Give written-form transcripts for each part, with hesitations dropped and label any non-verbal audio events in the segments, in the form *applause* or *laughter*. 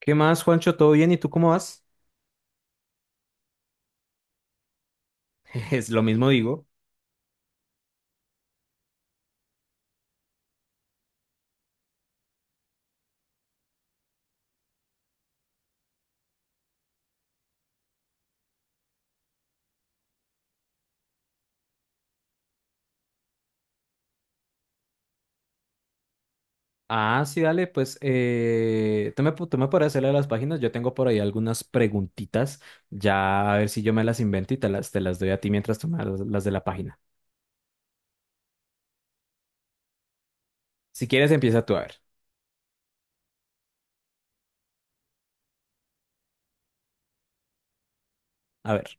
¿Qué más, Juancho? ¿Todo bien? ¿Y tú cómo vas? *laughs* Es lo mismo digo. Ah, sí, dale, pues tú me, tú me podrás hacerle a las páginas. Yo tengo por ahí algunas preguntitas. Ya a ver si yo me las invento y te las doy a ti mientras tú me das las de la página. Si quieres, empieza tú a ver. A ver.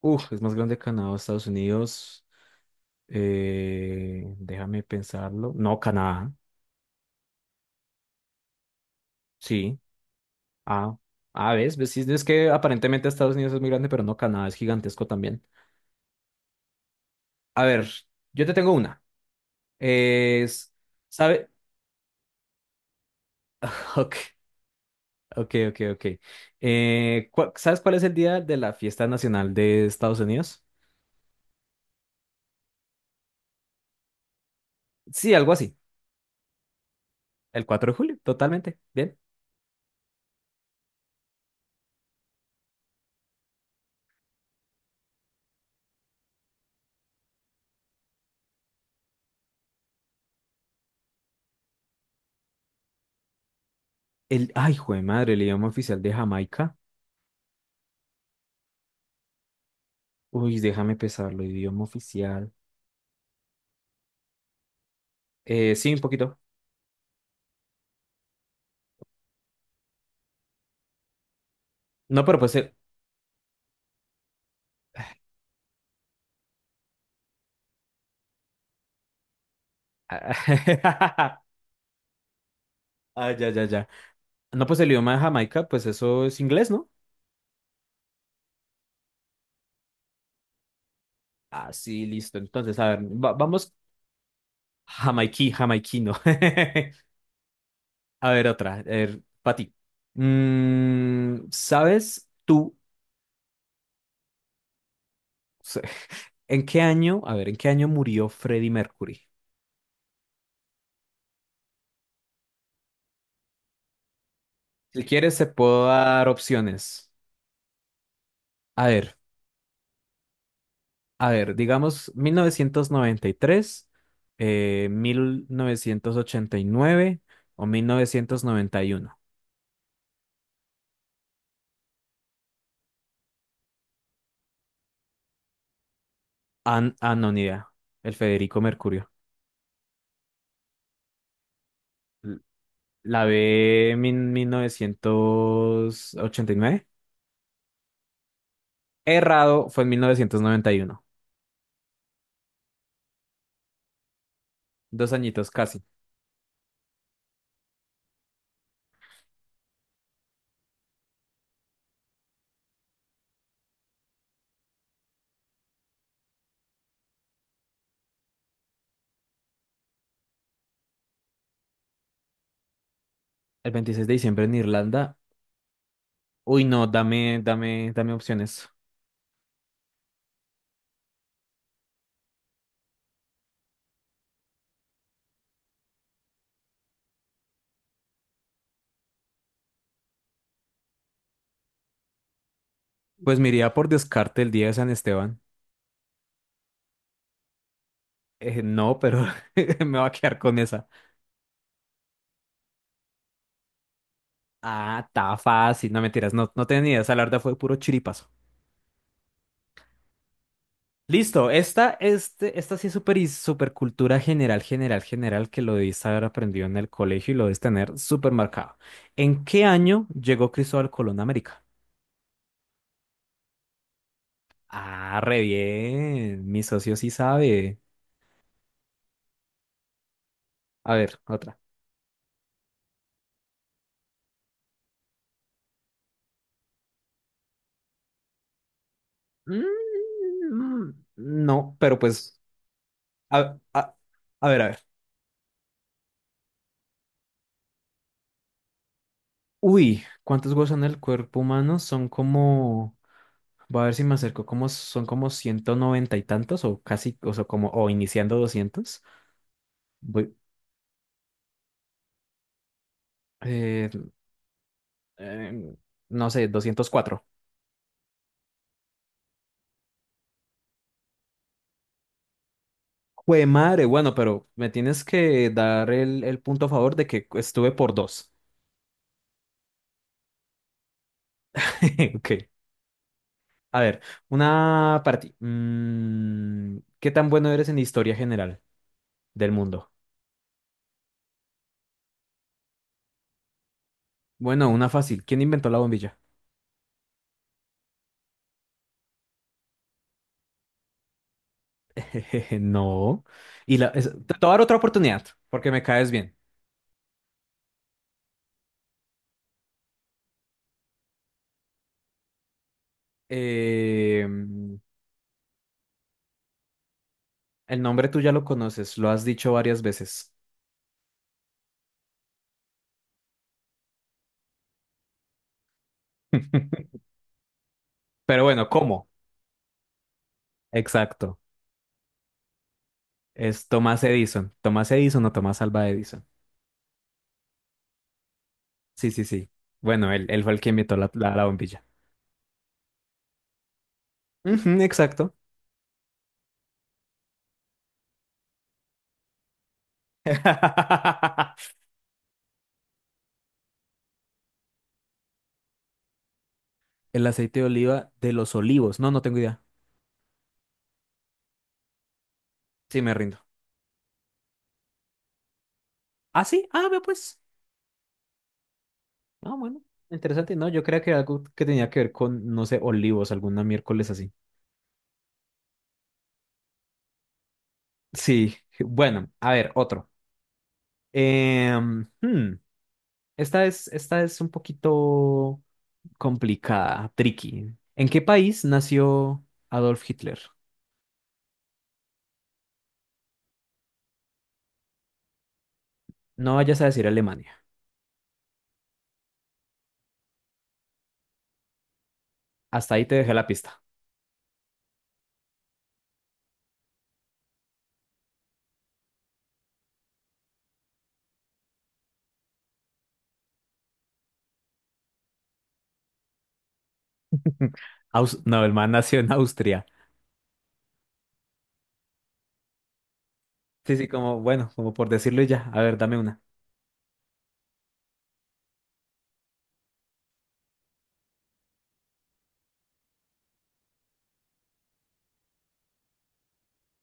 Uf, ¿es más grande Canadá o Estados Unidos? Déjame pensarlo. No, Canadá. Sí. Ah, ah, ves, sí, es que aparentemente Estados Unidos es muy grande, pero no, Canadá es gigantesco también. A ver, yo te tengo una. Es, ¿sabe? *laughs* Ok, ok. ¿Sabes cuál es el día de la fiesta nacional de Estados Unidos? Sí, algo así. El 4 de julio, totalmente. Bien. El, ay, jue madre, el idioma oficial de Jamaica. Uy, déjame pesarlo, idioma oficial. Sí, un poquito. No, pero pues el... *laughs* Ah, ya, ya, ya. No, pues el idioma de Jamaica, pues eso es inglés, ¿no? Ah, sí, listo. Entonces, a ver, vamos jamaiquino. *laughs* A ver, otra. A ver, para ti. Mm, ¿sabes tú se- *laughs* en qué año, a ver, en qué año murió Freddie Mercury? Si quieres, se puedo dar opciones. A ver, digamos 1993, 1989 o 1991. Ah, ah, no, ni idea. El Federico Mercurio. L- La B, 1989. Errado, fue en 1991. Dos añitos casi. El 26 de diciembre en Irlanda. Uy, no, dame opciones. Pues me iría por descarte el día de San Esteban. No, pero *laughs* me va a quedar con esa. Ah, está fácil. No mentiras, no, no tenía ni idea. Esa larda fue puro chiripazo. Listo, esta sí es súper y súper cultura general, general, que lo debiste haber aprendido en el colegio y lo debes tener súper marcado. ¿En qué año llegó Cristóbal Colón a América? Ah, re bien. Mi socio sí sabe. A ver, otra. Mm, no, pero pues, a, a- a ver, Uy, ¿cuántos huesos son en el cuerpo humano? Son como, voy a ver si me acerco, como son como 190 y tantos o casi, o sea, como, o iniciando 200. Voy, eh, eh, no sé, 204. Jue madre, bueno, pero me tienes que dar el punto a favor de que estuve por dos. *laughs* Ok, a ver, una para ti. Mm, ¿qué tan bueno eres en historia general del mundo? Bueno, una fácil. ¿Quién inventó la bombilla? *laughs* Jejeje, no. Y la, te voy a dar otra oportunidad, porque me caes bien. Eh, el nombre tú ya lo conoces, lo has dicho varias veces. *laughs* Pero bueno, ¿cómo? Exacto. Es Tomás Edison. Tomás Edison o Tomás Alva Edison. Sí, sí, sí. Bueno, él fue el que inventó la, la bombilla. Ujú, exacto. *laughs* El aceite de oliva de los olivos. No, no tengo idea. Sí, me rindo. Ah, sí. Ah, ve pues. Ah, bueno, interesante. No, yo creía que era algo que tenía que ver con, no sé, olivos, alguna miércoles así. Sí, bueno, a ver, otro. Em, hmm, esta es un poquito complicada, tricky. ¿En qué país nació Adolf Hitler? No vayas a decir Alemania. Hasta ahí te dejé la pista. *laughs* No, el man nació en Austria. Sí, sí, como, bueno, como por decirlo y ya. A ver, dame una.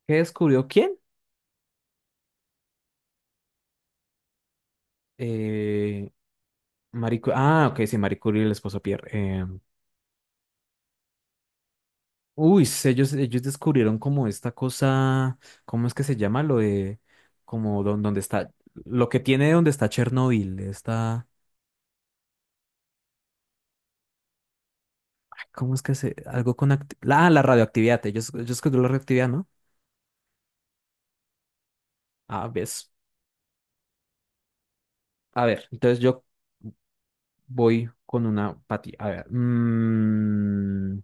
¿Qué descubrió quién? Eh, Ah, ok, sí, Marie Curie y el esposo Pierre. em, Uy, sí, ellos descubrieron como esta cosa, ¿cómo es que se llama? Lo de, como donde está, lo que tiene donde está Chernobyl, está, ¿cómo es que se, la, la radioactividad, ellos descubrieron la radioactividad, ¿no? Ah, ves. A ver, entonces yo voy con una pati, a ver, mm,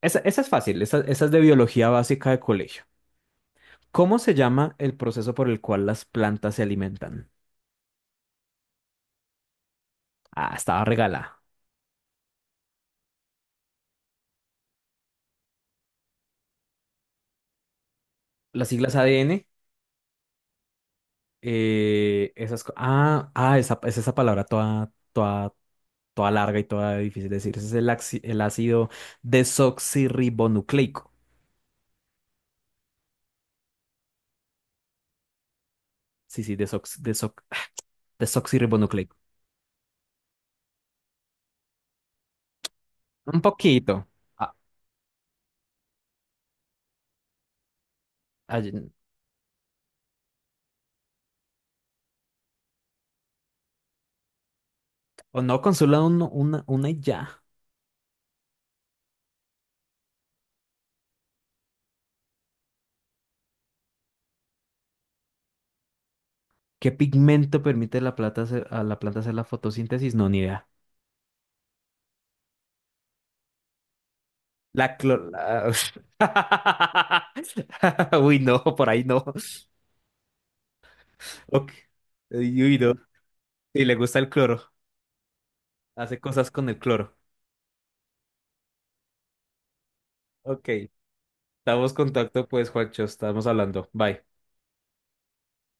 esa es fácil, esa es de biología básica de colegio. ¿Cómo se llama el proceso por el cual las plantas se alimentan? Ah, estaba regalada. Las siglas ADN. Esas co- ah, ah, esa, es esa palabra toda, toda larga y toda difícil de decir. Ese es el, el ácido desoxirribonucleico. Sí, sí, *sighs* *smacks lips* desoxirribonucleico. Un poquito. Ah, ay, o no, consula una y ya. ¿Qué pigmento permite la a la planta hacer la fotosíntesis? No, ni idea. La clor la- *laughs* Uy, no, por ahí no. Ok. Uy, no. Sí, le gusta el cloro. Hace cosas con el cloro. Ok. Estamos en contacto, pues, Juancho. Estamos hablando. Bye.